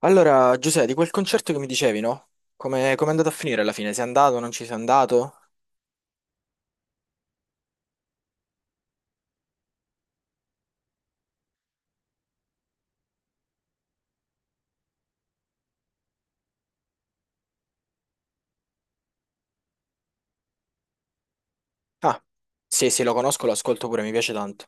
Allora, Giuseppe, di quel concerto che mi dicevi, no? Come è andato a finire alla fine? Sei andato, non ci sei andato? Ah, sì, sì, lo conosco, lo ascolto pure, mi piace tanto.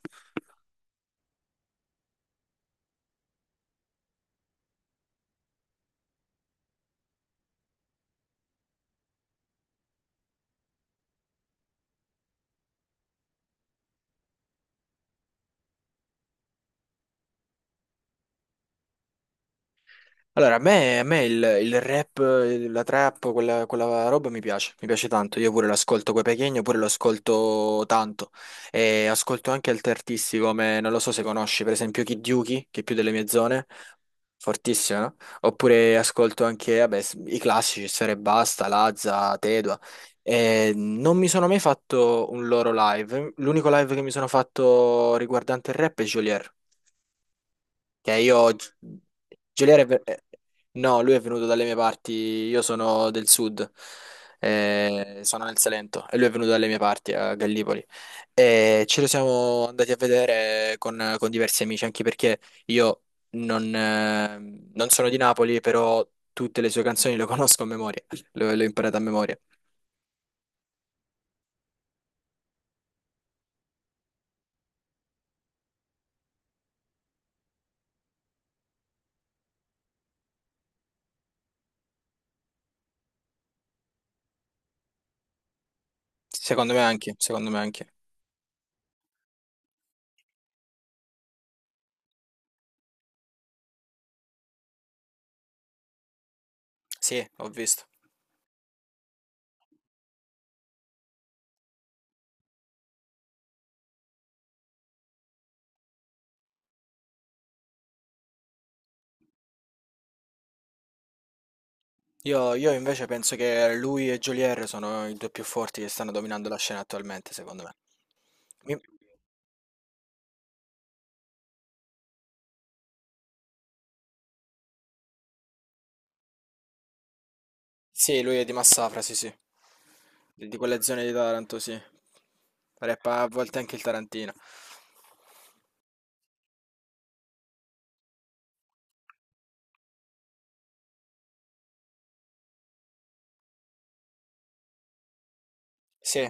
Allora, a me il rap, la trap, quella roba mi piace tanto. Io pure l'ascolto coi pechegno, pure lo ascolto tanto. E ascolto anche altri artisti come, non lo so se conosci, per esempio Kid Yuki, che è più delle mie zone, fortissimo, no? Oppure ascolto anche, vabbè, i classici, Sfera e Basta, Lazza, Tedua. E non mi sono mai fatto un loro live. L'unico live che mi sono fatto riguardante il rap è Geolier. Che io... Giuliano è... No, lui è venuto dalle mie parti, io sono del sud, sono nel Salento e lui è venuto dalle mie parti a Gallipoli. E ce lo siamo andati a vedere con diversi amici, anche perché io non, eh, non sono di Napoli, però tutte le sue canzoni le conosco a memoria, le ho imparate a memoria. Secondo me anche, secondo me anche. Sì, ho visto. Io invece penso che lui e Jolier sono i due più forti che stanno dominando la scena attualmente, secondo me. Mi- Sì, lui è di Massafra, sì, sì. Di quelle zone di Taranto, sì. Rappa a volte anche il Tarantino. Sì.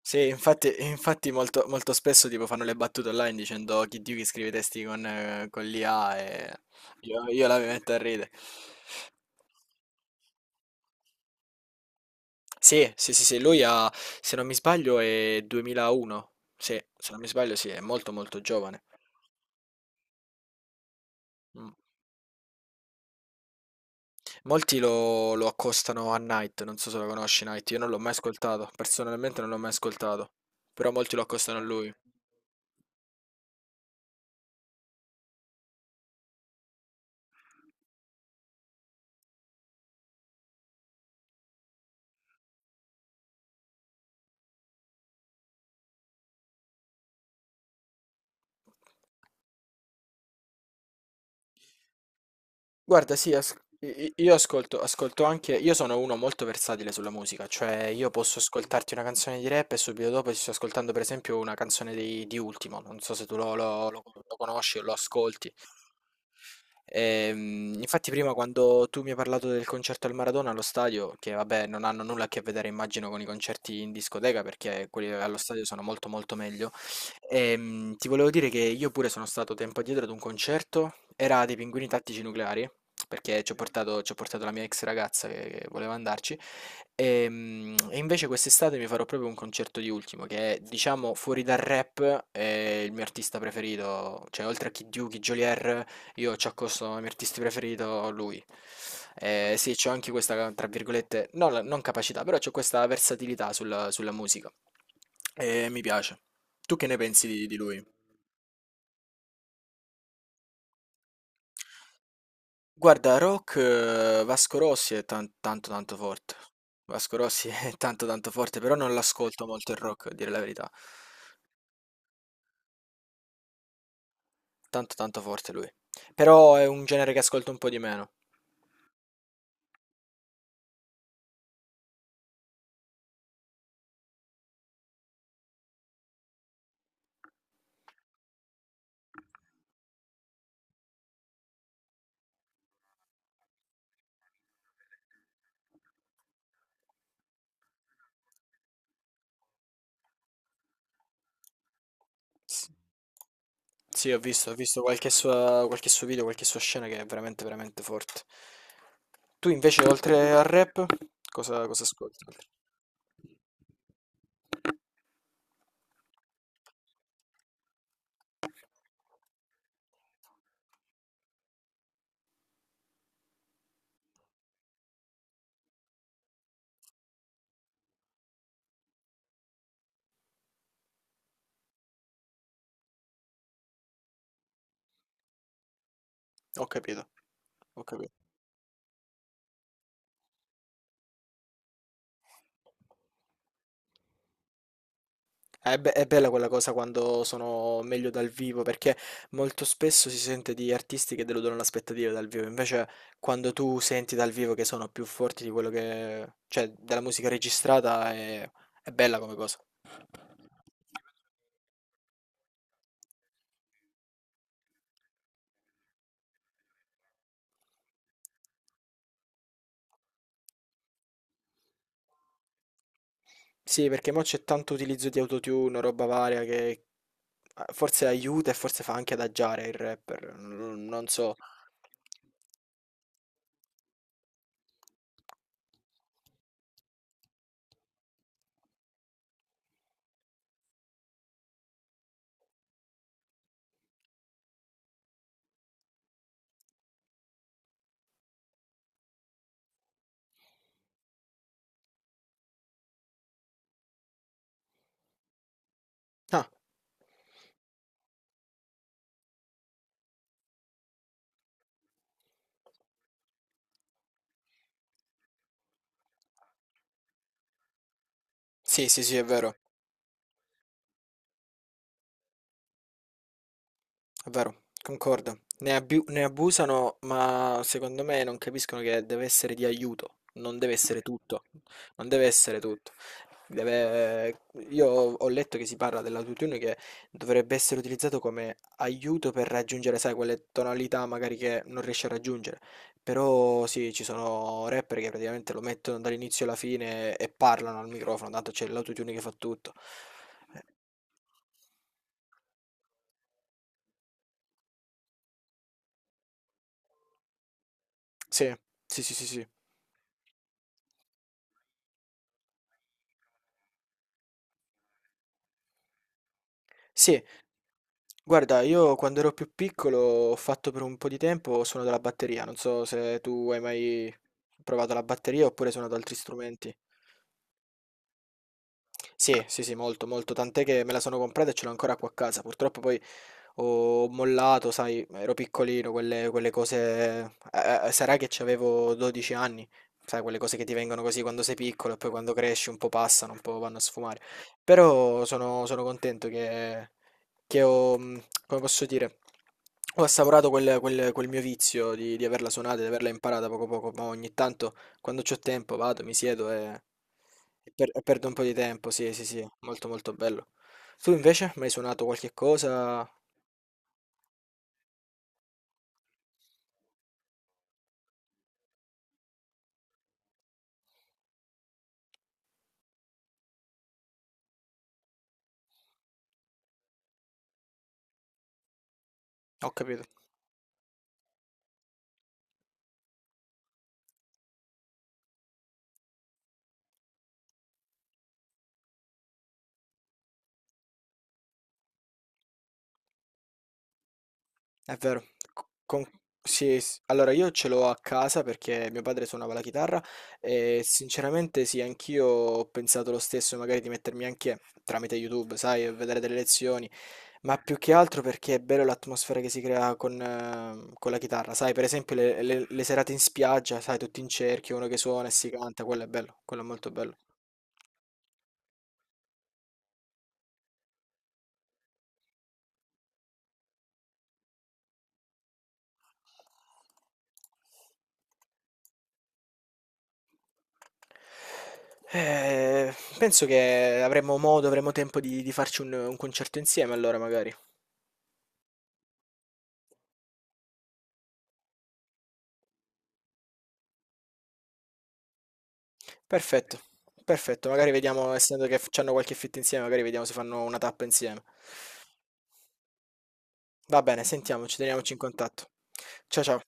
Sì, infatti, infatti molto, molto spesso tipo fanno le battute online dicendo chi Dio che scrive i testi con l'IA e io la mi metto a ridere. Sì, sì, sì, sì, lui ha, se non mi sbaglio, è 2001. Sì, se non mi sbaglio, sì, è molto, molto giovane. Mm. Molti lo accostano a Night, non so se lo conosci Night, io non l'ho mai ascoltato, personalmente non l'ho mai ascoltato, però molti lo accostano a lui. Guarda, sì, io ascolto, ascolto anche, io sono uno molto versatile sulla musica, cioè io posso ascoltarti una canzone di rap e subito dopo ti sto ascoltando per esempio una canzone di Ultimo, non so se tu lo, lo conosci o lo ascolti. Infatti prima quando tu mi hai parlato del concerto al Maradona allo stadio, che vabbè non hanno nulla a che vedere immagino con i concerti in discoteca perché quelli allo stadio sono molto molto meglio, ti volevo dire che io pure sono stato tempo addietro ad un concerto, era dei Pinguini Tattici Nucleari, perché ci ho portato la mia ex ragazza che voleva andarci, e invece quest'estate mi farò proprio un concerto di Ultimo, che è diciamo fuori dal rap, è il mio artista preferito, cioè oltre a Kid Yugi, Geolier... Io ci accosto come mio artista preferito lui. Sì, c'ho anche questa, tra virgolette, non, non capacità, però c'ho questa versatilità sulla, sulla musica. E mi piace. Tu che ne pensi di lui? Guarda, rock, Vasco Rossi è tanto tanto forte. Vasco Rossi è tanto tanto forte, però non l'ascolto molto il rock, a dire la verità. Tanto tanto forte lui. Però è un genere che ascolto un po' di meno. S- Sì, ho visto qualche sua, qualche suo video, qualche sua scena che è veramente, veramente forte. Tu invece, oltre al rap, cosa, cosa ascolti oltre? Ho capito, ho capito. È, è bella quella cosa quando sono meglio dal vivo, perché molto spesso si sente di artisti che deludono l'aspettativa dal vivo, invece quando tu senti dal vivo che sono più forti di quello che... cioè della musica registrata è bella come cosa. Sì, perché mo c'è tanto utilizzo di autotune, roba varia che forse aiuta e forse fa anche adagiare il rapper, non non so. Ah, sì, sì, sì, è vero. È vero, concordo. Ne abusano, ma secondo me non capiscono che deve essere di aiuto, non deve essere tutto. Non deve essere tutto. Deve- Io ho letto che si parla dell'autotune che dovrebbe essere utilizzato come aiuto per raggiungere, sai, quelle tonalità magari che non riesci a raggiungere. Però sì, ci sono rapper che praticamente lo mettono dall'inizio alla fine e parlano al microfono, tanto c'è l'autotune che fa tutto. Eh, Sì, sì, sì, sì, sì. Sì, guarda, io quando ero più piccolo ho fatto per un po' di tempo suono della batteria, non so se tu hai mai provato la batteria oppure suonato altri strumenti. Sì, sì, sì, molto, molto, tant'è che me la sono comprata e ce l'ho ancora qua a casa. Purtroppo poi ho mollato, sai, ero piccolino, quelle cose... sarà che avevo 12 anni, sai, quelle cose che ti vengono così quando sei piccolo e poi quando cresci un po' passano, un po' vanno a sfumare. Però sono, sono contento che ho, come posso dire, ho assaporato quel, quel mio vizio di averla suonata, di averla imparata poco poco, ma ogni tanto quando c'ho tempo vado, mi siedo e, e perdo un po' di tempo, sì, sì, sì, molto molto bello. Tu invece, mi hai suonato qualche cosa? Ho capito, è vero. Co- con- sì, allora io ce l'ho a casa perché mio padre suonava la chitarra e sinceramente sì, anch'io ho pensato lo stesso, magari di mettermi anche tramite YouTube, sai, a vedere delle lezioni, ma più che altro perché è bello l'atmosfera che si crea con la chitarra, sai, per esempio le, le serate in spiaggia, sai, tutti in cerchio, uno che suona e si canta, quello è bello, quello è molto bello. Penso che avremo modo, avremo tempo di farci un concerto insieme allora magari. Perfetto, perfetto. Magari vediamo, essendo che hanno qualche fit insieme, magari vediamo se fanno una tappa insieme. Va bene, sentiamoci, teniamoci in contatto. Ciao ciao.